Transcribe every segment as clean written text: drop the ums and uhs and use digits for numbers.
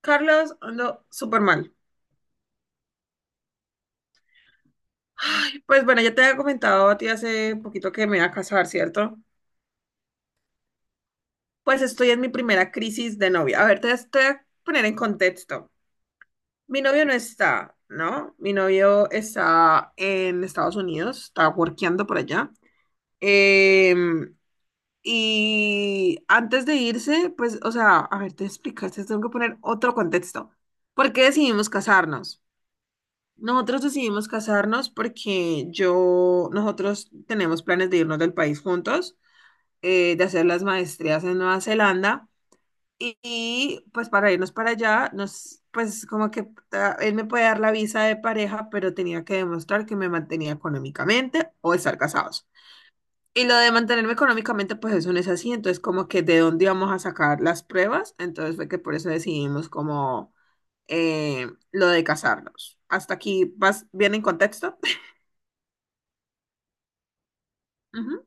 Carlos, ando súper mal. Pues bueno, ya te había comentado a ti hace poquito que me iba a casar, ¿cierto? Pues estoy en mi primera crisis de novia. A ver, te voy a poner en contexto. Mi novio no está, ¿no? Mi novio está en Estados Unidos, está workeando por allá. Em, y antes de irse, pues, o sea, a ver, te explicas, te tengo que poner otro contexto. ¿Por qué decidimos casarnos? Nosotros decidimos casarnos porque yo, nosotros tenemos planes de irnos del país juntos, de hacer las maestrías en Nueva Zelanda pues para irnos para allá, nos, pues como que él me puede dar la visa de pareja, pero tenía que demostrar que me mantenía económicamente o estar casados. Y lo de mantenerme económicamente, pues eso no es así, entonces como que de dónde íbamos a sacar las pruebas, entonces fue que por eso decidimos como lo de casarnos. ¿Hasta aquí vas bien en contexto? Ujú.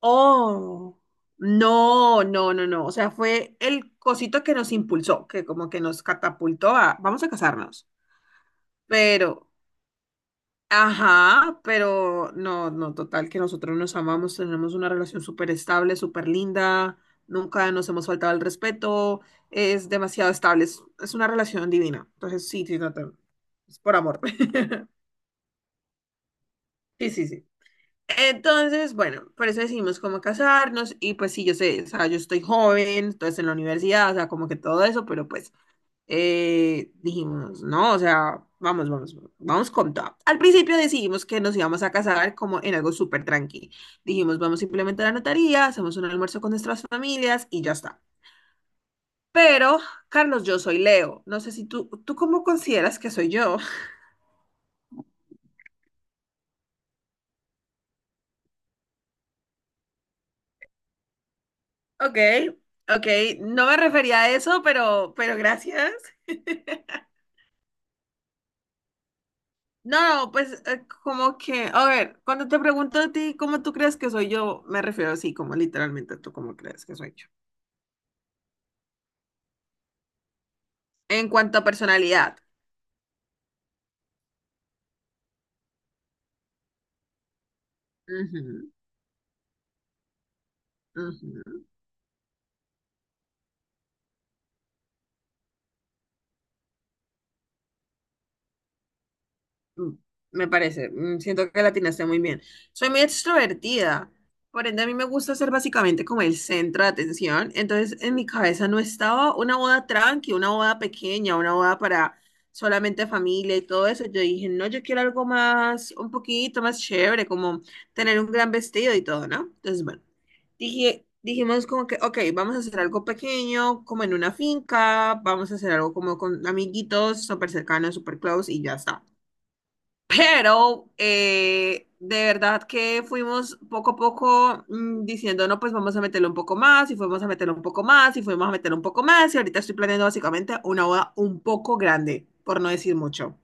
Oh, no, no, no, no. O sea, fue el cosito que nos impulsó, que como que nos catapultó a, vamos a casarnos. Pero, ajá, pero no, no, total, que nosotros nos amamos, tenemos una relación súper estable, súper linda, nunca nos hemos faltado el respeto, es demasiado estable, es una relación divina. Entonces, sí, sí, no, es por amor. Sí, sí, sí. Entonces, bueno, por eso decidimos cómo casarnos y pues sí, yo sé, o sea, yo estoy joven, entonces en la universidad, o sea, como que todo eso, pero pues dijimos, no, o sea, vamos, vamos, vamos con todo. Al principio decidimos que nos íbamos a casar como en algo súper tranqui. Dijimos, vamos simplemente a la notaría, hacemos un almuerzo con nuestras familias y ya está. Pero, Carlos, yo soy Leo. No sé si tú, ¿tú cómo consideras que soy yo? Ok, ok, no me refería a eso, pero gracias. No, pues como que, a ver, cuando te pregunto a ti cómo tú crees que soy yo, me refiero así, como literalmente tú cómo crees que soy yo. En cuanto a personalidad. Ujú, ujú. Mm, Me parece. Siento que la atinaste muy bien. Soy muy extrovertida, por ende a mí me gusta ser básicamente como el centro de atención, entonces en mi cabeza no estaba una boda tranqui, una boda pequeña, una boda para solamente familia y todo eso. Yo dije, no, yo quiero algo más, un poquito más chévere, como tener un gran vestido y todo, ¿no? Entonces, bueno, dijimos como que, ok, vamos a hacer algo pequeño, como en una finca, vamos a hacer algo como con amiguitos, súper cercanos, súper close y ya está. Pero de verdad que fuimos poco a poco diciendo, no, pues vamos a meterle un poco más, y fuimos a meterle un poco más, y fuimos a meterle un poco más, y ahorita estoy planeando básicamente una boda un poco grande, por no decir mucho,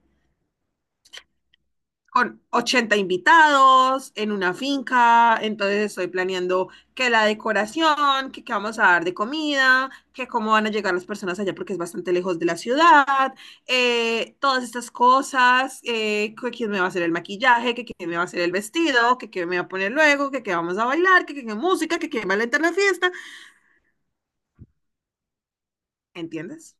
con 80 invitados en una finca, entonces estoy planeando que la decoración, que qué vamos a dar de comida, que cómo van a llegar las personas allá porque es bastante lejos de la ciudad, todas estas cosas, que quién me va a hacer el maquillaje, que quién me va a hacer el vestido, que quién me va a poner luego, que qué vamos a bailar, que qué música, que quién va a alentar la fiesta, ¿entiendes?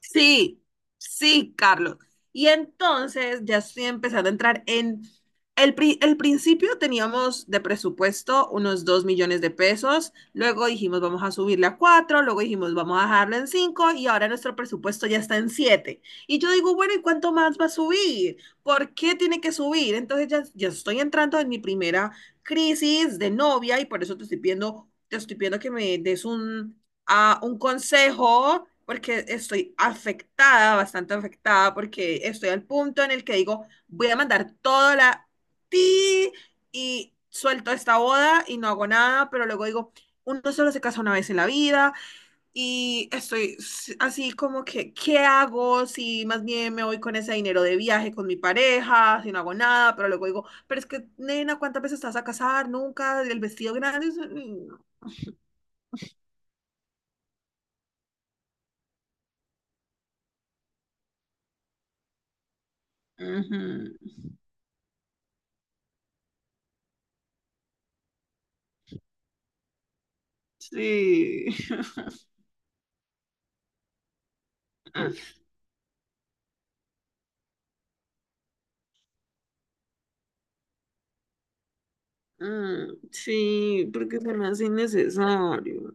Sí, sí, Carlos. Y entonces ya estoy empezando a entrar en... El principio teníamos de presupuesto unos 2 millones de pesos, luego dijimos vamos a subirle a cuatro, luego dijimos vamos a dejarlo en cinco, y ahora nuestro presupuesto ya está en 7. Y yo digo, bueno, ¿y cuánto más va a subir? ¿Por qué tiene que subir? Entonces ya estoy entrando en mi primera crisis de novia y por eso te estoy pidiendo que me des un consejo, porque estoy afectada, bastante afectada, porque estoy al punto en el que digo, voy a mandar toda la ti y suelto esta boda y no hago nada, pero luego digo, uno solo se casa una vez en la vida y estoy así como que, ¿qué hago? Si más bien me voy con ese dinero de viaje con mi pareja, si no hago nada, pero luego digo, pero es que, nena, ¿cuántas veces estás a casar? Nunca, el vestido grande. Mm, ujú. Sí. Ah, mm, sí, porque se me hace innecesario.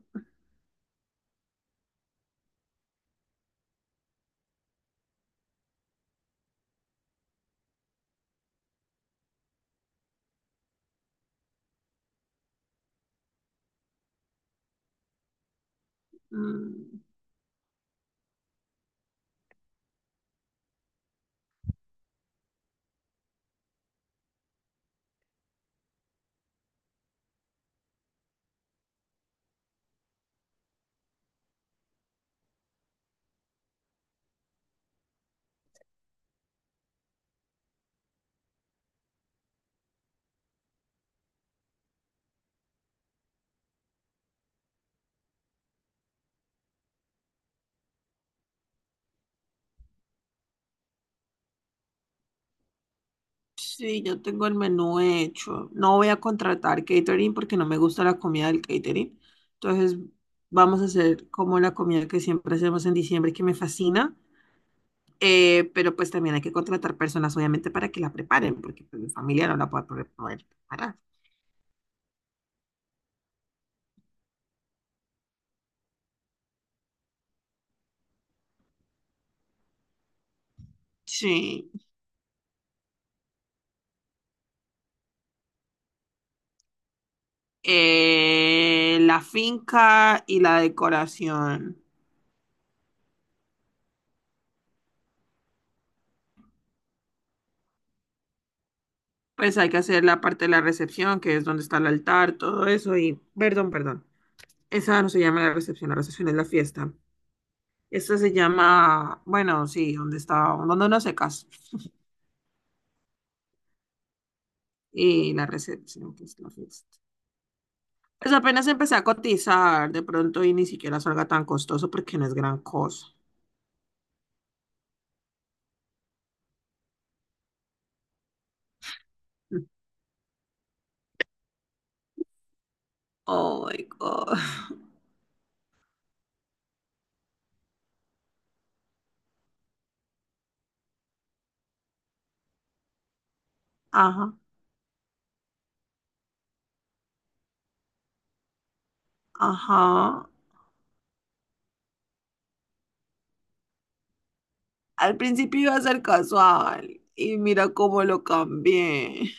Mm, sí, ya tengo el menú hecho. No voy a contratar catering porque no me gusta la comida del catering. Entonces, vamos a hacer como la comida que siempre hacemos en diciembre, que me fascina. Pero pues también hay que contratar personas, obviamente, para que la preparen, porque pues, mi familia no la puede poder preparar. Sí. La finca y la decoración. Pues hay que hacer la parte de la recepción, que es donde está el altar, todo eso, y perdón, perdón. Esa no se llama la recepción es la fiesta. Esta se llama, bueno, sí, donde está, donde uno se casa. Y la recepción, que es la fiesta. Pues apenas empecé a cotizar de pronto y ni siquiera salga tan costoso porque no es gran cosa. Oh my God. Ajá, ajá. Al principio iba a ser casual y mira cómo lo cambié.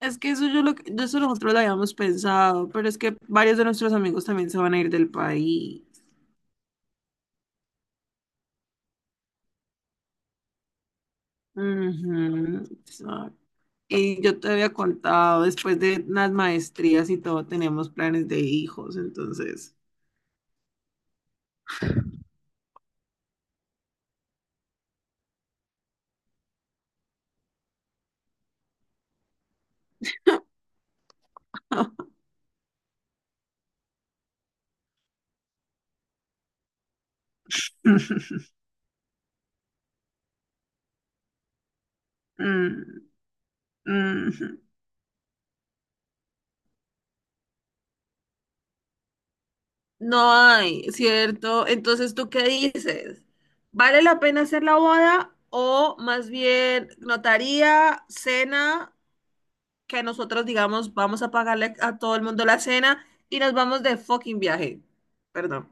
Es que eso nosotros lo habíamos pensado, pero es que varios de nuestros amigos también se van a ir del país. Ujú, exacto. Y yo te había contado, después de las maestrías y todo, tenemos planes de hijos, entonces. Mm, ujú. No hay, ¿cierto? Entonces, ¿tú qué dices? ¿Vale la pena hacer la boda o más bien notaría, cena? Que nosotros digamos, vamos a pagarle a todo el mundo la cena y nos vamos de fucking viaje. Perdón.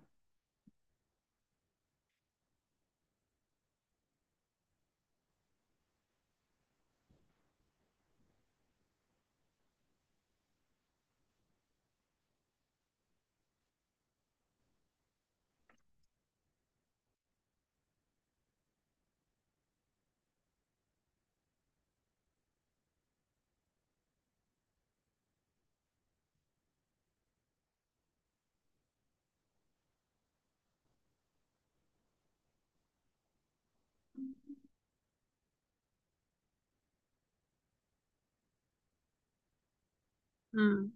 Mm,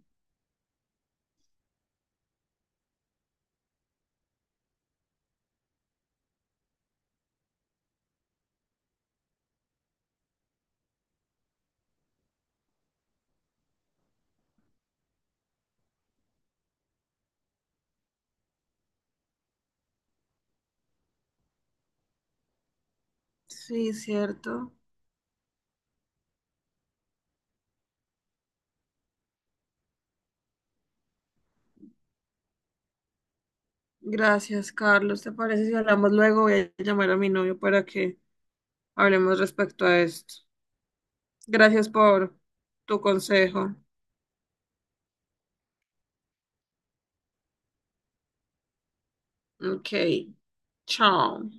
sí, cierto. Gracias, Carlos. ¿Te parece si hablamos luego? Voy a llamar a mi novio para que hablemos respecto a esto. Gracias por tu consejo. Ok, chao.